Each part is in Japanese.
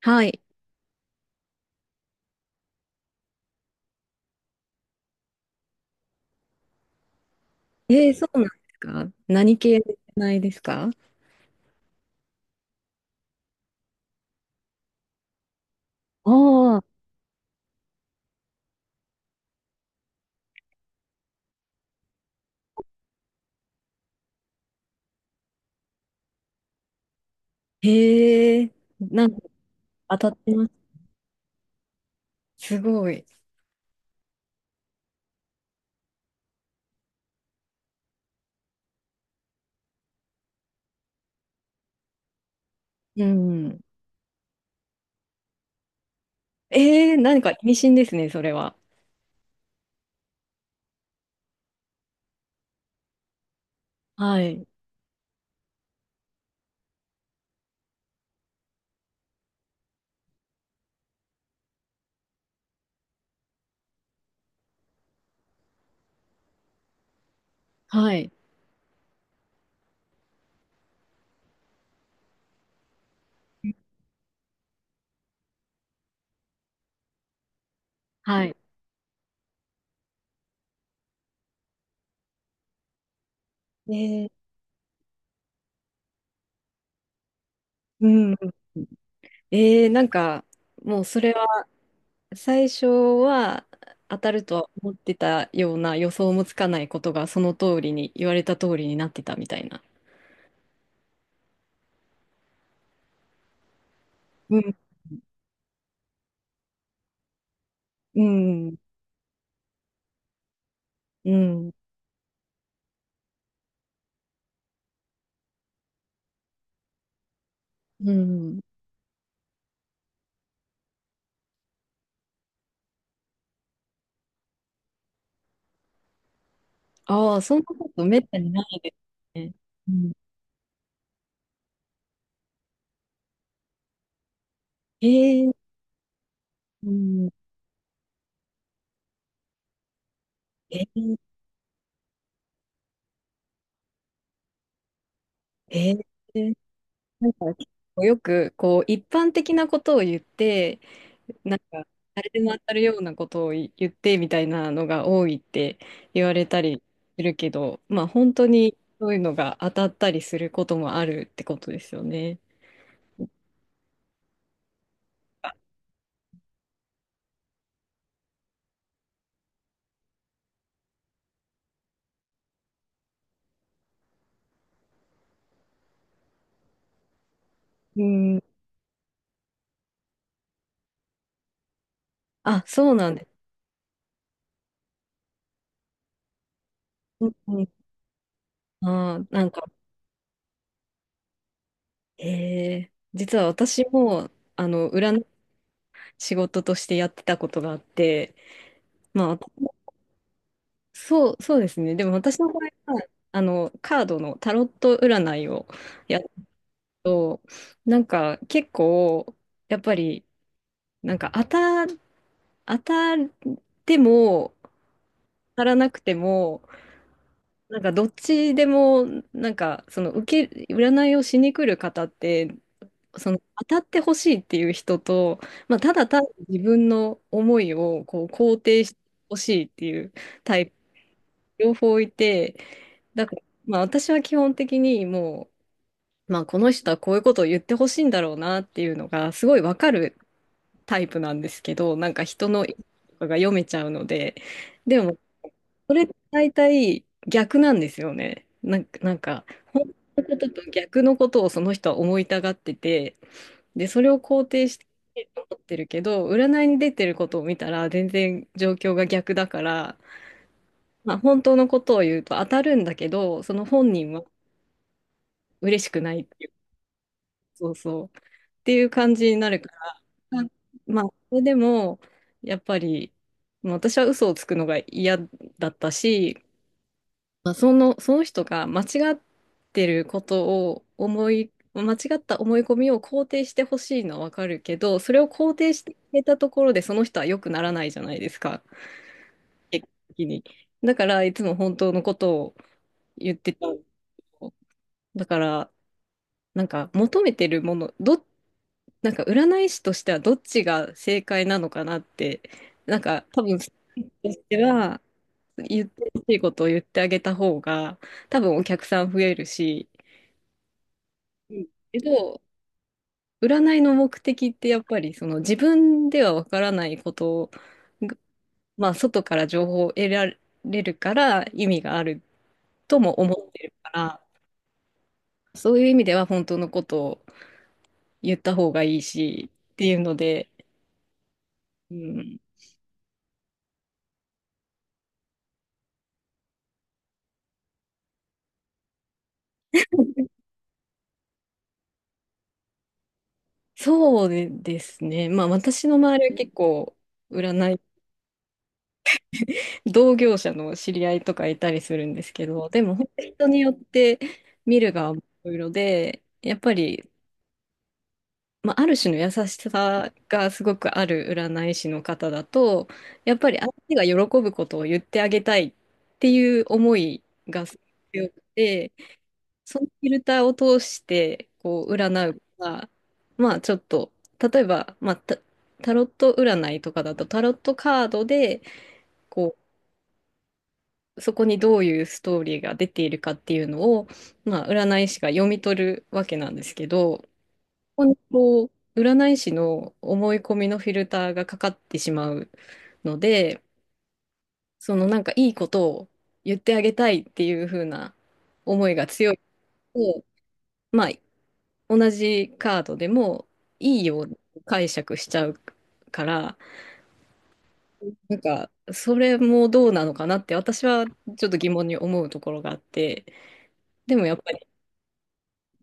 はい。そうなんですか、何系ないですか？ああ、へえ、なんか当たってます。すごい。うん。えー、何か意味深ですね、それは。はい。はい。はい。えー。うん。えー。なんか、もうそれは、最初は当たるとは思ってたような予想もつかないことが、その通りに、言われた通りになってたみたいな。うん。うん。うん。うん。ああ、そんなことめったにないですね。うん。ええ。うん。えー、えー、なんか結構よく、こう、一般的なことを言って、なんか、誰でも当たるようなことを言ってみたいなのが多いって言われたりするけど、まあ、本当にそういうのが当たったりすることもあるってことですよね。うん。あ、そうなんです。うんうん。ああ、なんか、え実は私も、あの、仕事としてやってたことがあって、まあ、そうですね。でも私の場合は、あの、カードのタロット占いをやると、なんか結構、やっぱり、なんか当た、当たっても、当たらなくても、なんかどっちでも、なんかその受け、占いをしに来る方って、その当たってほしいっていう人と、まあ、ただ単に自分の思いをこう肯定してほしいっていうタイプ、両方いて、だから、まあ、私は基本的にまあ、この人はこういうことを言ってほしいんだろうなっていうのがすごいわかるタイプなんですけど、なんか人の意図とかが読めちゃうので、でもそれって大体逆なんですよね。本当のことと逆のことをその人は思いたがってて、で、それを肯定して思ってるけど、占いに出てることを見たら全然状況が逆だから、まあ、本当のことを言うと当たるんだけど、その本人は嬉しくないっていう、そうそう、っていう感じになるから、まあ、それでも、やっぱり、まあ私は嘘をつくのが嫌だったし、まあ、その人が間違ってることを思い、間違った思い込みを肯定してほしいのはわかるけど、それを肯定してくれたところでその人は良くならないじゃないですか、結果的に。だから、いつも本当のことを言ってた。だから、なんか求めてるもの、ど、なんか占い師としてはどっちが正解なのかなって、なんか多分、としては言ってほしいことを言ってあげた方が、多分お客さん増えるし、うんけど、占いの目的ってやっぱりその自分ではわからないことが、まあ、外から情報を得られるから意味があるとも思ってるから、そういう意味では本当のことを言った方がいいしっていうので、うん、そうですね。まあ私の周りは結構占い、同業者の知り合いとかいたりするんですけど、でも本当に人によって見る側もいろいろで、やっぱりまあ、ある種の優しさがすごくある占い師の方だと、やっぱり相手が喜ぶことを言ってあげたいっていう思いがすごく強くて、そのフィルターを通してこう占うのが、まあちょっと、例えば、タロット占いとかだとタロットカードでこう、そこにどういうストーリーが出ているかっていうのを、まあ、占い師が読み取るわけなんですけど、ここにこう、占い師の思い込みのフィルターがかかってしまうので、そのなんかいいことを言ってあげたいっていう風な思いが強いと、まあ、同じカードでもいいように解釈しちゃうから、なんか、それもどうなのかなって私はちょっと疑問に思うところがあって、でもやっぱり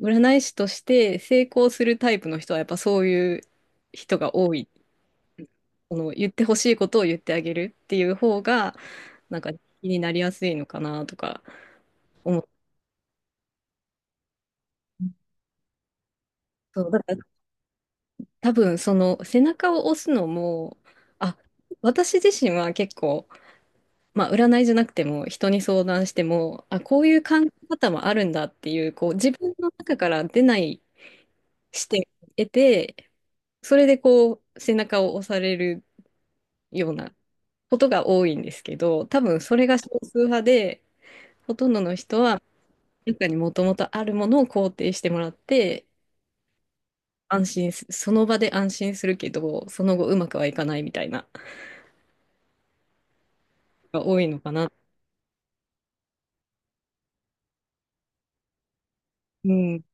占い師として成功するタイプの人はやっぱそういう人が多い、その言ってほしいことを言ってあげるっていう方が、なんか気になりやすいのかなとか思って、そう、だから多分その背中を押すのも、あ、私自身は結構、まあ占いじゃなくても人に相談しても、あ、こういう考え方もあるんだっていう、こう自分の中から出ない視点を得て、それでこう背中を押されるようなことが多いんですけど、多分それが少数派で、ほとんどの人は中にもともとあるものを肯定してもらって、安心す、その場で安心するけど、その後うまくはいかないみたいな、が多いのかな。うん。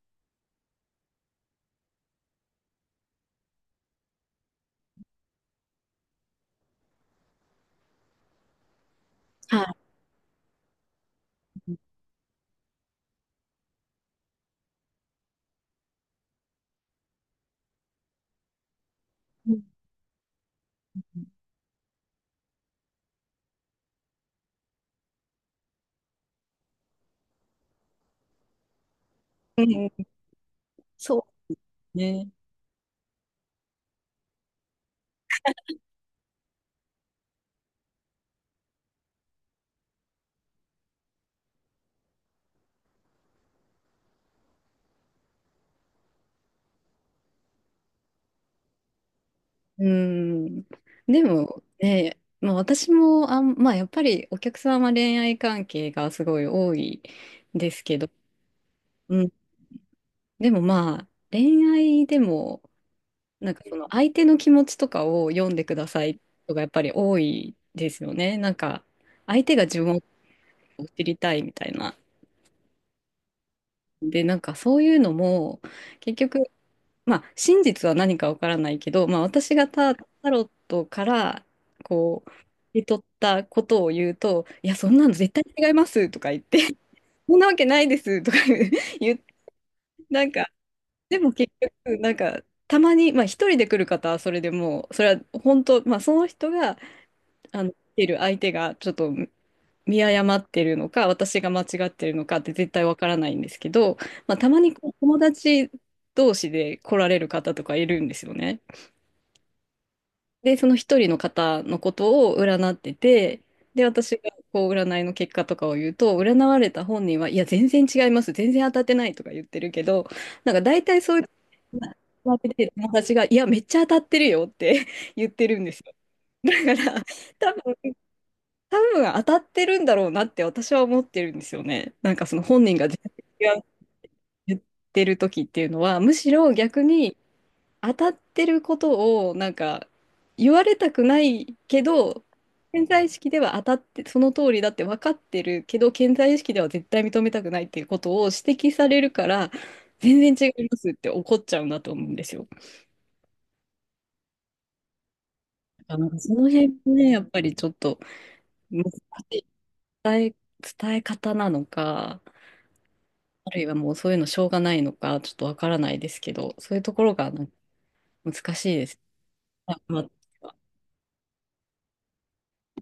はい。うん。そうね。うん。でもね、まあ私もあん、まあやっぱりお客様恋愛関係がすごい多いですけど、うん。でもまあ、恋愛でも、なんかその相手の気持ちとかを読んでくださいとかやっぱり多いですよね。なんか、相手が自分をを知りたいみたいな。で、なんかそういうのも、結局、まあ、真実は何かわからないけど、まあ、私がタ、タロットから、こう、受け取ったことを言うと、いや、そんなの絶対違いますとか言って、そんなわけないですとか 言って、なんか、でも結局、なんか、たまに、まあ、一人で来る方はそれでもう、それは本当、まあ、その人が、あの、来てる相手が、ちょっと見誤ってるのか、私が間違ってるのかって絶対わからないんですけど、まあ、たまにこう友達同士で来られる方とかいるんですよね。で、その一人の方のことを占ってて、で、私がこう占いの結果とかを言うと、占われた本人は、いや、全然違います、全然当たってないとか言ってるけど、なんか大体そういう友達が、いや、めっちゃ当たってるよって 言ってるんですよ。だから、多分多分当たってるんだろうなって私は思ってるんですよね。なんかその本人が全然言ってる時っていうのは、むしろ逆に当たってることをなんか言われたくないけど、潜在意識では当たって、その通りだって分かってるけど、潜在意識では絶対認めたくないっていうことを指摘されるから、全然違いますって怒っちゃうんだと思うんですよ。なんかその辺もね、やっぱりちょっと難しい伝え方なのか、あるいはもうそういうのしょうがないのか、ちょっとわからないですけど、そういうところがなんか難しいです。まあ